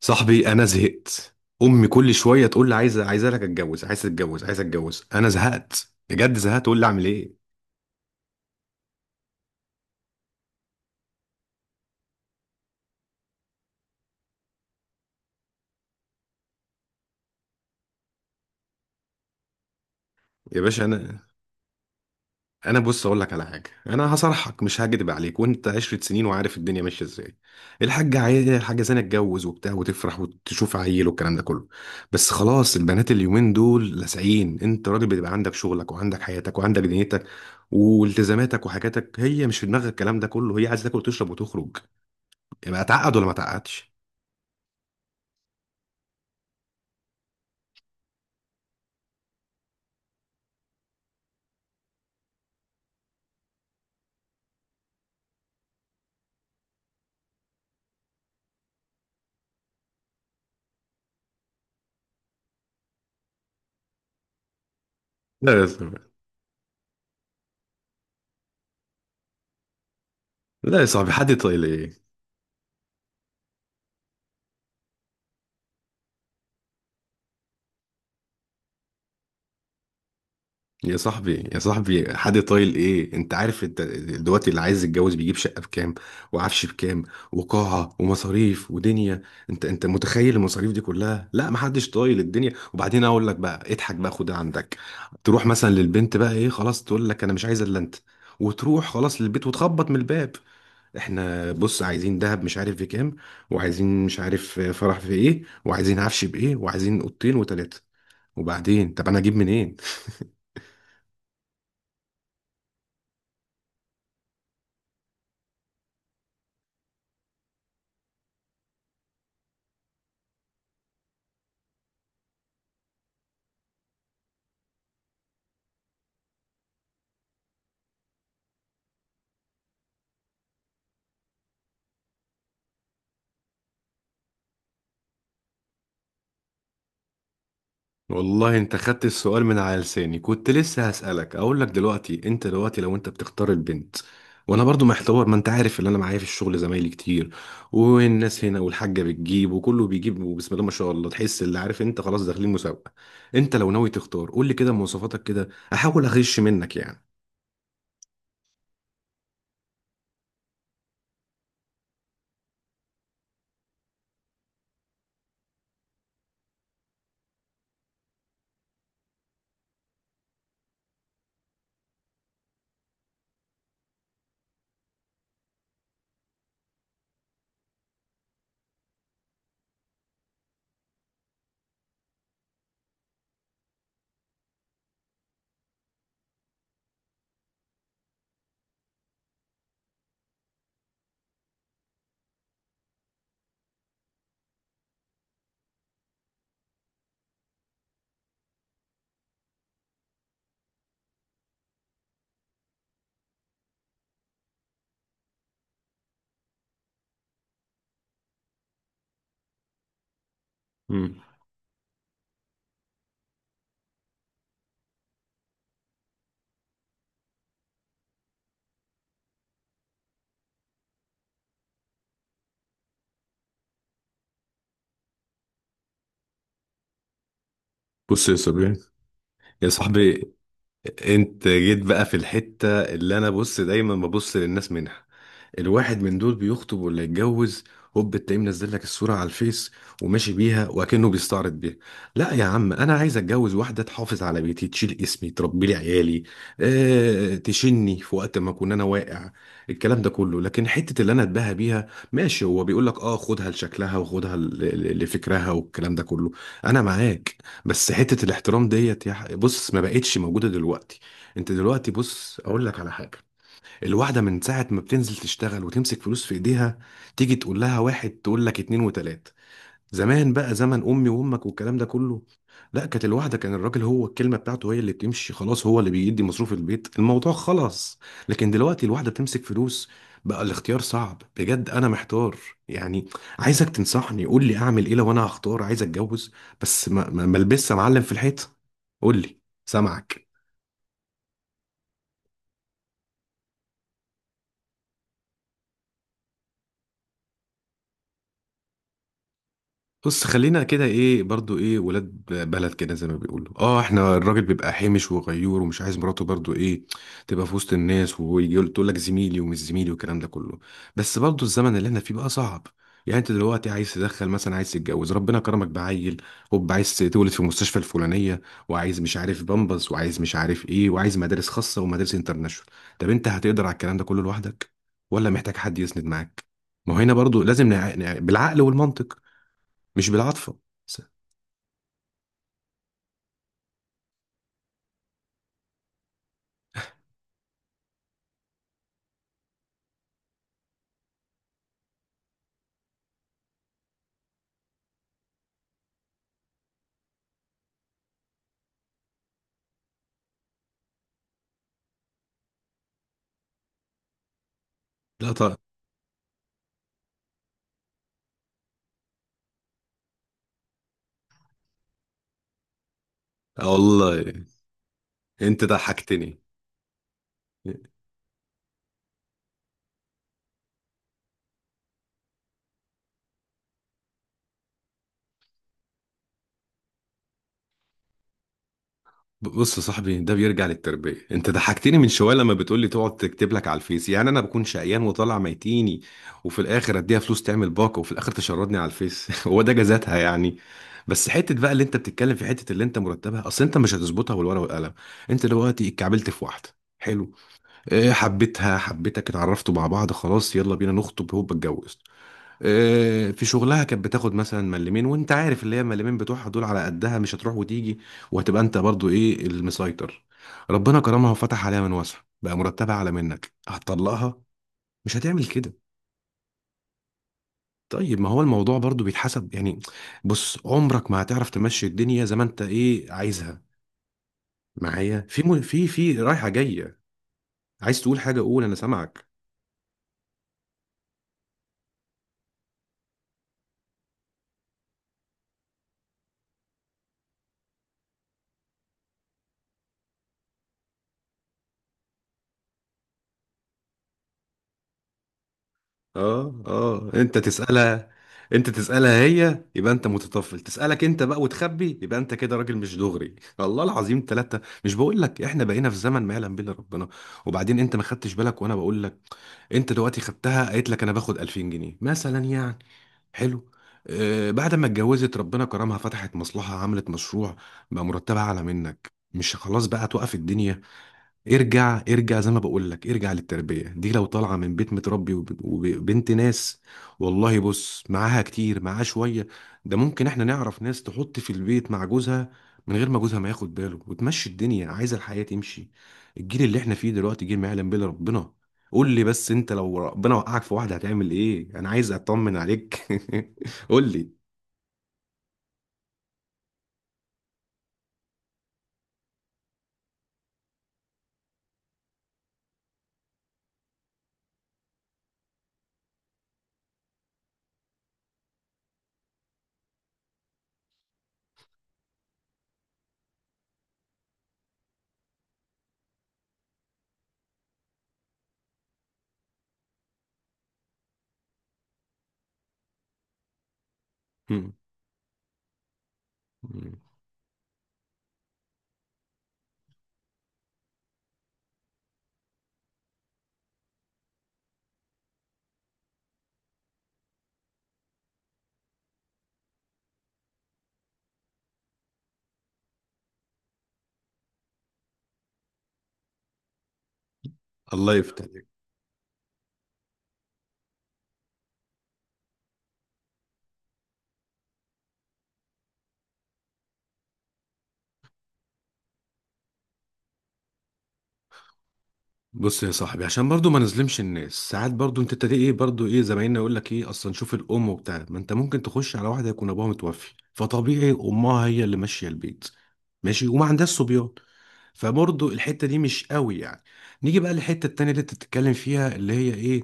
صاحبي انا زهقت. امي كل شويه تقول لي عايزه لك اتجوز، عايزه اتجوز، عايزه اتجوز. انا زهقت بجد زهقت. تقول لي اعمل ايه؟ يا باشا انا بص اقول لك على حاجه. انا هصرحك مش هكدب عليك. وانت عشرة سنين وعارف الدنيا ماشيه ازاي. الحاجه عايزه، الحاجه زينه تتجوز وبتاع وتفرح وتشوف عيل والكلام ده كله. بس خلاص، البنات اليومين دول لاسعين. انت راجل، بتبقى عندك شغلك وعندك حياتك وعندك دنيتك والتزاماتك وحاجاتك. هي مش في دماغها الكلام ده كله، هي عايزه تاكل وتشرب وتخرج. يبقى اتعقد ولا ما اتعقدش؟ لا، لا يا صاحبي، حد طايل ايه؟ يا صاحبي، يا صاحبي، حد طايل ايه؟ انت عارف انت دلوقتي اللي عايز يتجوز بيجيب شقه بكام، وعفش بكام، وقاعه ومصاريف ودنيا. انت متخيل المصاريف دي كلها؟ لا، ما حدش طايل الدنيا. وبعدين اقول لك بقى، اضحك بقى خدها عندك. تروح مثلا للبنت بقى، ايه خلاص تقول لك انا مش عايزه الا انت، وتروح خلاص للبيت وتخبط من الباب. احنا بص عايزين دهب مش عارف بكام، وعايزين مش عارف فرح في ايه، وعايزين عفش بايه، وعايزين اوضتين وتلاته. وبعدين طب انا اجيب منين؟ والله انت خدت السؤال من على لساني. كنت لسه هسألك، اقول لك دلوقتي انت دلوقتي لو انت بتختار البنت وانا برضو محتار. ما انت عارف ان انا معايا في الشغل زمايلي كتير والناس هنا، والحاجة بتجيب وكله بيجيب، وبسم الله ما شاء الله تحس اللي عارف انت خلاص داخلين مسابقة. انت لو ناوي تختار قول لي كده مواصفاتك، كده احاول اغش منك يعني. مم. بص يا صاحبي، يا صاحبي، انت جيت بقى في الحتة اللي انا بص دايما ببص للناس منها. الواحد من دول بيخطب ولا يتجوز، هوب التلاقيه منزل لك الصورة على الفيس وماشي بيها وكأنه بيستعرض بيها. لا يا عم، انا عايز اتجوز واحدة تحافظ على بيتي، تشيل اسمي، تربي لي عيالي. اه، تشني في وقت ما اكون انا واقع، الكلام ده كله. لكن حتة اللي انا اتباهى بيها ماشي، هو بيقول لك اه خدها لشكلها، وخدها لفكرها والكلام ده كله. انا معاك. بس حتة الاحترام ديت يا بص، ما بقتش موجودة دلوقتي. انت دلوقتي بص اقول لك على حاجة. الواحدة من ساعة ما بتنزل تشتغل وتمسك فلوس في ايديها، تيجي تقول لها واحد تقول لك اتنين وتلاتة. زمان بقى، زمن امي وامك والكلام ده كله، لا، كانت الواحده كان الراجل هو الكلمه بتاعته هي اللي بتمشي خلاص، هو اللي بيدي مصروف البيت، الموضوع خلاص. لكن دلوقتي الواحده بتمسك فلوس. بقى الاختيار صعب بجد، انا محتار يعني. عايزك تنصحني، قول لي اعمل ايه لو انا هختار عايز اتجوز. بس ما البسش يا معلم في الحيط. قول لي، سامعك. بص خلينا كده، ايه برضو، ايه ولاد بلد كده زي ما بيقولوا اه، احنا الراجل بيبقى حامش وغيور ومش عايز مراته برضو ايه تبقى في وسط الناس، ويجي تقول لك زميلي ومش زميلي والكلام ده كله. بس برضو الزمن اللي احنا فيه بقى صعب. يعني انت دلوقتي عايز تدخل مثلا، عايز تتجوز، ربنا كرمك بعيل، هوب عايز تولد في المستشفى الفلانيه، وعايز مش عارف بامبس، وعايز مش عارف ايه، وعايز مدارس خاصه ومدارس انترناشونال. طب انت هتقدر على الكلام ده كله لوحدك، ولا محتاج حد يسند معاك؟ ما هو هنا برضو لازم بالعقل والمنطق، مش بالعاطفة. س- لا، طبعا. آه والله، انت ضحكتني. بص يا صاحبي، ده بيرجع للتربية. انت ضحكتني من شوية لما بتقولي تقعد تكتب لك على الفيس، يعني انا بكون شقيان وطالع ميتيني وفي الاخر اديها فلوس تعمل باقة، وفي الاخر تشردني على الفيس هو ده جزاتها يعني؟ بس حتة بقى اللي انت بتتكلم، في حتة اللي انت مرتبها، اصل انت مش هتظبطها بالورقة والقلم. انت دلوقتي اتكعبلت في واحدة، حلو، اه حبيتها حبيتك اتعرفتوا مع بعض، خلاص يلا بينا نخطب هوب اتجوز. آه، في شغلها كانت بتاخد مثلا ملمين، وانت عارف اللي هي الملمين بتوعها دول على قدها، مش هتروح وتيجي، وهتبقى انت برضو ايه المسيطر. ربنا كرمها وفتح عليها من واسع، بقى مرتبها اعلى منك، هتطلقها؟ مش هتعمل كده. طيب ما هو الموضوع برضو بيتحسب يعني. بص عمرك ما هتعرف تمشي الدنيا زي ما انت ايه عايزها. معايا في في رايحة جاية. عايز تقول حاجة قول، انا سامعك. اه، اه، انت تسألها، انت تسألها هي يبقى انت متطفل، تسألك انت بقى وتخبي يبقى انت كده راجل مش دغري الله العظيم ثلاثة، مش بقول لك احنا بقينا في زمن ما يعلم به الا ربنا. وبعدين انت ما خدتش بالك وانا بقول لك. انت دلوقتي خدتها، قالت لك انا باخد 2000 جنيه مثلا يعني. حلو. آه، بعد ما اتجوزت ربنا كرمها، فتحت مصلحة، عملت مشروع، بقى مرتبها اعلى منك، مش خلاص بقى توقف الدنيا. ارجع، ارجع زي ما بقول لك، ارجع للتربية. دي لو طالعة من بيت متربي وبنت ناس والله، بص معاها كتير، معاها شوية. ده ممكن، احنا نعرف ناس تحط في البيت مع جوزها من غير ما جوزها ما ياخد باله، وتمشي الدنيا عايزة الحياة تمشي. الجيل اللي احنا فيه دلوقتي، جيل ما يعلم به إلا ربنا. قول لي بس، انت لو ربنا وقعك في واحدة هتعمل ايه؟ انا عايز اطمن عليك قول لي. الله يفتح. بص يا صاحبي، عشان برضو ما نظلمش الناس، ساعات برضو انت تلاقي ايه برضو، ايه زمايلنا يقول لك ايه اصلا، شوف الام وبتاع، ما انت ممكن تخش على واحده يكون ابوها متوفي، فطبيعي امها هي اللي ماشيه البيت، ماشي، وما عندهاش صبيان، فبرضه الحتة دي مش قوي يعني. نيجي بقى للحتة التانية اللي انت بتتكلم فيها، اللي هي ايه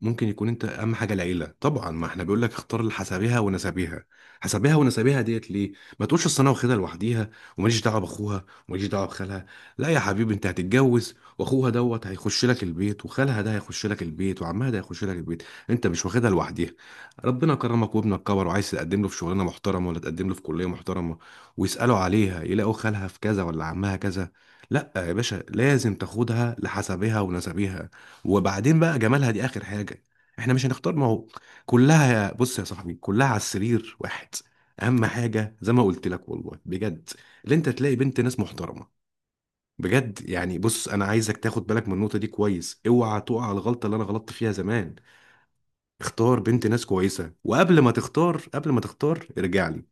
ممكن يكون، انت اهم حاجة العيلة طبعا. ما احنا بيقول لك اختار حسابها ونسابها، حسابها ونسابها ديت ليه؟ ما تقولش اصل انا واخدها لوحديها، وماليش دعوة باخوها، وماليش دعوة بخالها. لا يا حبيبي، انت هتتجوز واخوها دوت هيخش لك البيت، وخالها ده هيخش لك البيت، وعمها ده هيخش لك البيت، انت مش واخدها لوحديها. ربنا كرمك وابنك كبر وعايز تقدم له في شغلانة محترمة ولا تقدم له في كلية محترمة، ويسألوا عليها يلاقوا خالها في كذا ولا عمها كذا. لا يا باشا، لازم تاخدها لحسبها ونسبها. وبعدين بقى جمالها دي اخر حاجه. احنا مش هنختار، ما هو كلها، يا بص يا صاحبي كلها على السرير واحد. اهم حاجه زي ما قلت لك والله بجد، اللي انت تلاقي بنت ناس محترمه بجد يعني. بص انا عايزك تاخد بالك من النقطه دي كويس، اوعى تقع على الغلطه اللي انا غلطت فيها زمان. اختار بنت ناس كويسه، وقبل ما تختار، قبل ما تختار ارجع لي.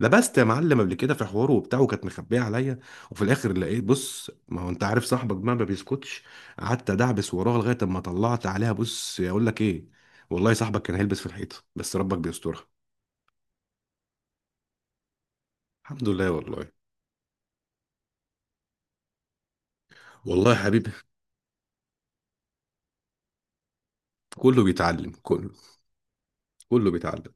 لبست يا معلم قبل كده في حواره وبتاع، وكانت مخبيه عليا، وفي الاخر لقيت، بص ما هو انت عارف صاحبك بقى ما بيسكتش، قعدت ادعبس وراها لغايه اما طلعت عليها بص اقول لك ايه، والله صاحبك كان هيلبس في الحيطه، بس ربك بيسترها. الحمد لله والله. والله يا حبيبي، كله بيتعلم كله، كله بيتعلم.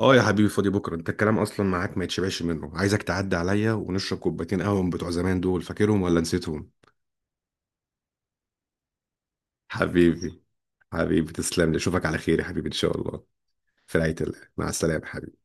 اه يا حبيبي، فاضي بكره، انت الكلام اصلا معاك ما يتشبعش منه، عايزك تعدي عليا ونشرب كوبايتين قهوه من بتوع زمان دول، فاكرهم ولا نسيتهم؟ حبيبي، حبيبي تسلم لي، اشوفك على خير يا حبيبي ان شاء الله. في رعايه الله، مع السلامه.